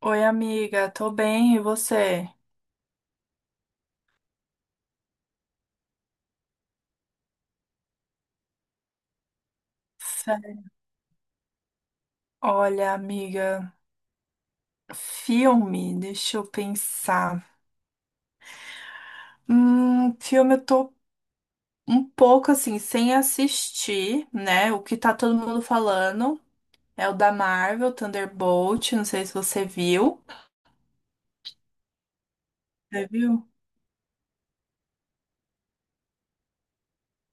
Oi, amiga, tô bem, e você? Sé- Olha, amiga, filme, deixa eu pensar. Filme eu tô um pouco assim, sem assistir, né? O que tá todo mundo falando é o da Marvel, Thunderbolt, não sei se você viu. Você viu?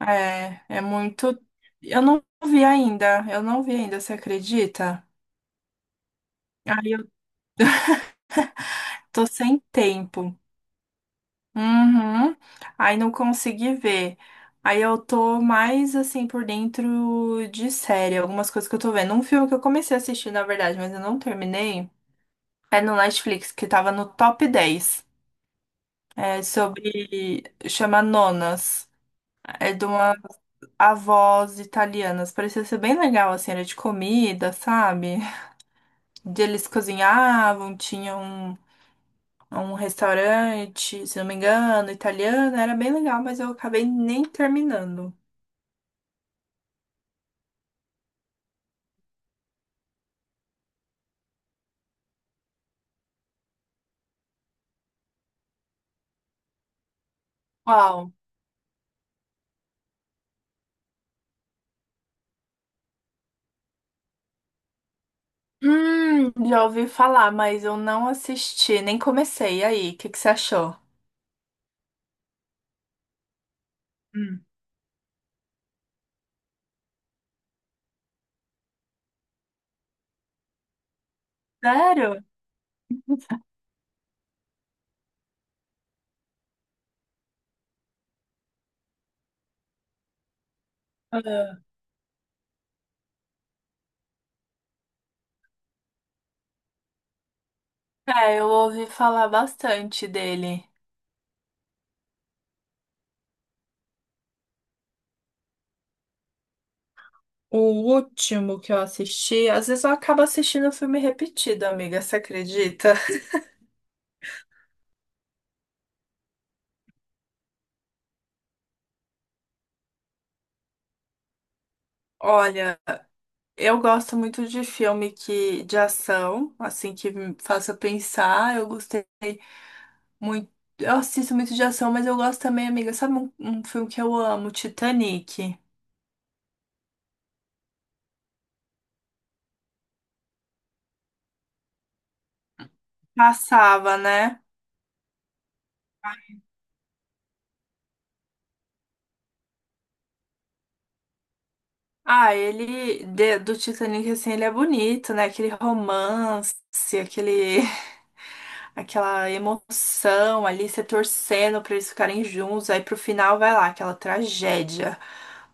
É, é muito. Eu não vi ainda, eu não vi ainda, você acredita? Aí eu tô sem tempo. Uhum. Aí não consegui ver. Aí eu tô mais assim por dentro de série, algumas coisas que eu tô vendo. Um filme que eu comecei a assistir, na verdade, mas eu não terminei. É no Netflix, que tava no top 10. É sobre. Chama Nonas. É de uma avós italianas. Parecia ser bem legal, assim, era de comida, sabe? De Eles cozinhavam, tinham um um restaurante, se não me engano, italiano. Era bem legal, mas eu acabei nem terminando. Uau. Já ouvi falar, mas eu não assisti, nem comecei. E aí, o que que você achou? Hum. Sério? Ah, é, eu ouvi falar bastante dele. O último que eu assisti, às vezes eu acabo assistindo filme repetido, amiga, você acredita? Olha, eu gosto muito de filme que de ação, assim que me faça pensar. Eu gostei muito, eu assisto muito de ação, mas eu gosto também, amiga, sabe um filme que eu amo, Titanic. Passava, né? Ah, ele do Titanic assim, ele é bonito, né? Aquele romance, aquele aquela emoção ali, você torcendo pra eles ficarem juntos, aí pro final vai lá aquela tragédia.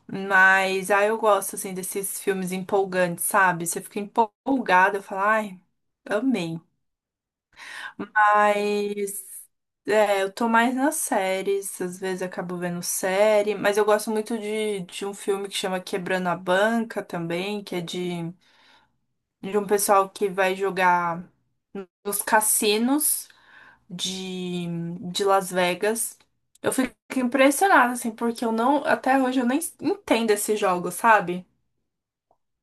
Mas ah, eu gosto assim desses filmes empolgantes, sabe? Você fica empolgada, eu falo, ai, amei. Mas é, eu tô mais nas séries, às vezes acabo vendo série, mas eu gosto muito de um filme que chama Quebrando a Banca também, de um pessoal que vai jogar nos cassinos de, de Las Vegas. Eu fico impressionada, assim, porque eu não, até hoje eu nem entendo esse jogo, sabe?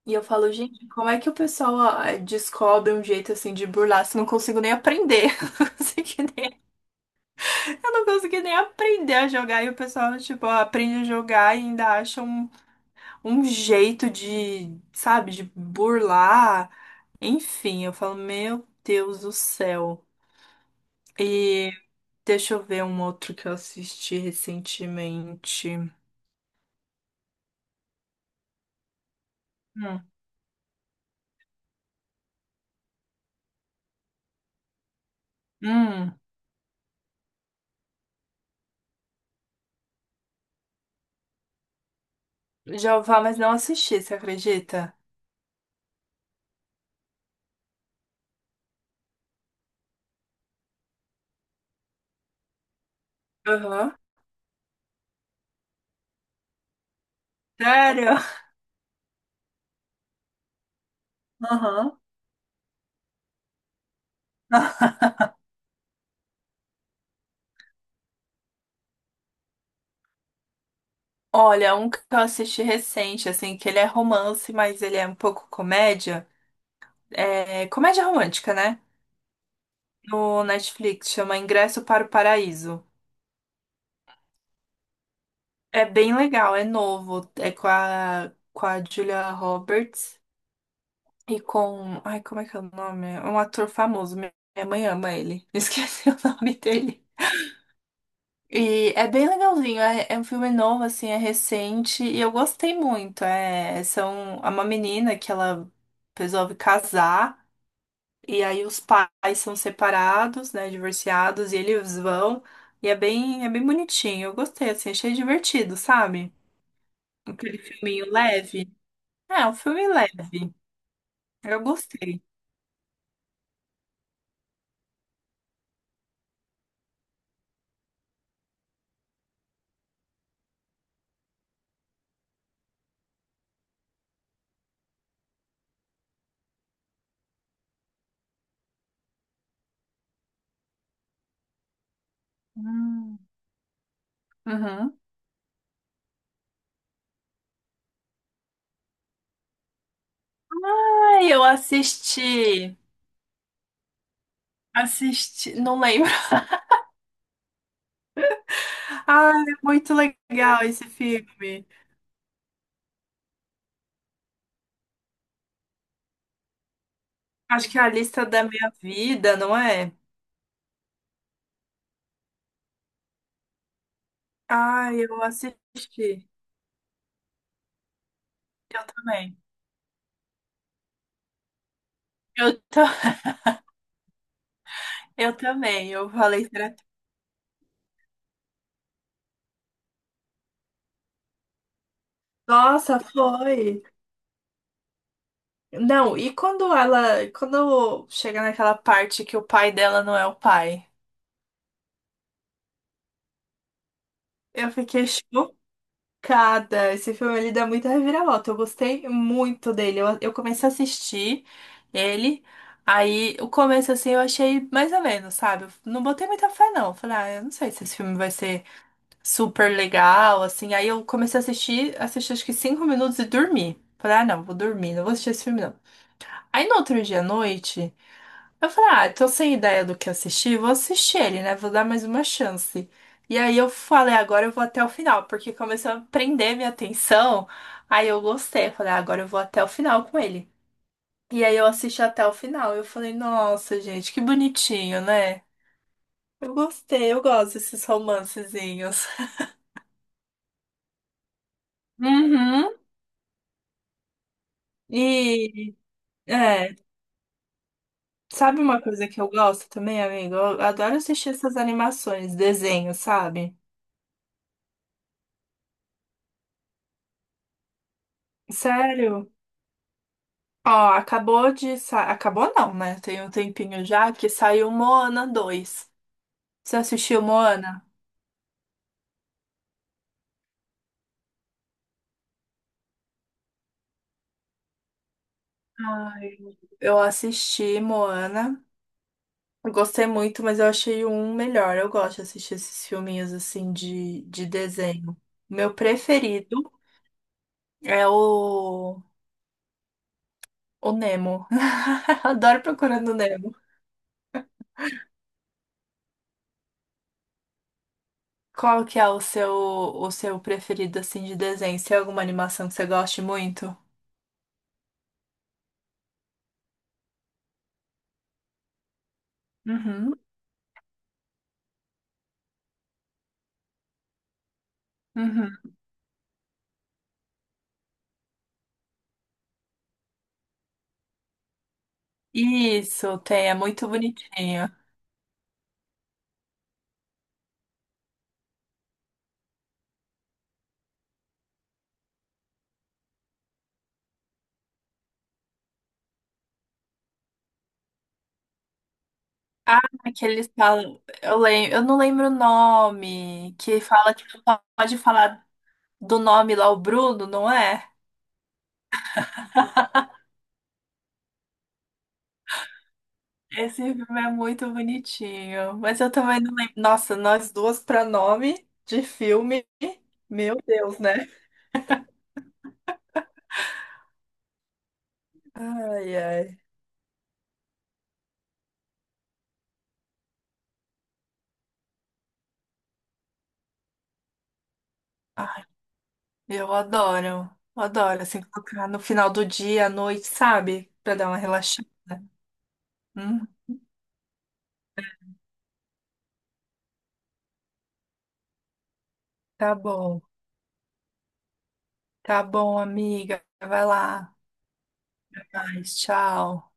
E eu falo, gente, como é que o pessoal descobre um jeito assim de burlar se eu não consigo nem aprender? Eu não consegui nem aprender a jogar e o pessoal, tipo, aprende a jogar e ainda acha um jeito de, sabe, de burlar. Enfim, eu falo, meu Deus do céu. E deixa eu ver um outro que eu assisti recentemente. Hum, hum, já ouvi falar, mas não assisti, você acredita? Aham. Sério? Aham. Olha, um que eu assisti recente, assim, que ele é romance, mas ele é um pouco comédia. É comédia romântica, né? No Netflix, chama Ingresso para o Paraíso. É bem legal, é novo, é com a Julia Roberts e com, ai, como é que é o nome? É um ator famoso, minha mãe ama ele, esqueci o nome dele. E é bem legalzinho, é um filme novo, assim, é recente e eu gostei muito. É uma menina que ela resolve casar. E aí os pais são separados, né, divorciados, e eles vão. E é bem bonitinho. Eu gostei, assim, achei divertido, sabe? Aquele filminho leve. É, um filme leve. Eu gostei. Hum. Uhum. Aí eu assisti. Assisti, não lembro. Ah, é muito legal esse filme. Acho que é a lista da minha vida, não é? Ah, eu assisti. Eu também. Eu, ta- eu também. Eu falei, será nossa, foi. Não, e quando ela, quando chega naquela parte que o pai dela não é o pai? Eu fiquei chocada. Esse filme ele dá muita reviravolta. Eu gostei muito dele. Eu comecei a assistir ele. Aí o começo assim eu achei mais ou menos, sabe? Eu não botei muita fé não. Falei, ah, eu não sei se esse filme vai ser super legal, assim. Aí eu comecei a assistir, assisti acho que 5 minutos e dormi. Falei, ah, não, vou dormir, não vou assistir esse filme não. Aí no outro dia à noite eu falei, ah, tô sem ideia do que assistir, vou assistir ele, né? Vou dar mais uma chance. E aí eu falei, agora eu vou até o final, porque começou a prender minha atenção. Aí eu gostei, falei, ah, agora eu vou até o final com ele. E aí eu assisti até o final. Eu falei, nossa, gente, que bonitinho, né? Eu gostei, eu gosto desses romancezinhos. Uhum. E, é, sabe uma coisa que eu gosto também, amigo? Eu adoro assistir essas animações, desenhos, sabe? Sério? Ó, acabou de sa... Acabou não, né? Tem um tempinho já que saiu Moana 2. Você assistiu Moana? Ai, eu assisti Moana. Eu gostei muito, mas eu achei o um melhor. Eu gosto de assistir esses filminhos assim de desenho. Meu preferido é o Nemo. Adoro procurando o Nemo. Qual que é o seu preferido assim de desenho? Se tem alguma animação que você goste muito? Uhum, uhum. Isso, tem, é muito bonitinho. Ah, que eles falam, eu lembro, eu não lembro o nome, que fala que não pode falar do nome lá, o Bruno, não é? Esse filme é muito bonitinho, mas eu também não lembro. Nossa, nós duas pra nome de filme, meu Deus, né? Ai, ai. Ai, eu adoro, eu adoro, assim, colocar no final do dia, à noite, sabe? Pra dar uma relaxada. Hum, tá bom, tá bom, amiga, vai lá. Até mais. Tchau.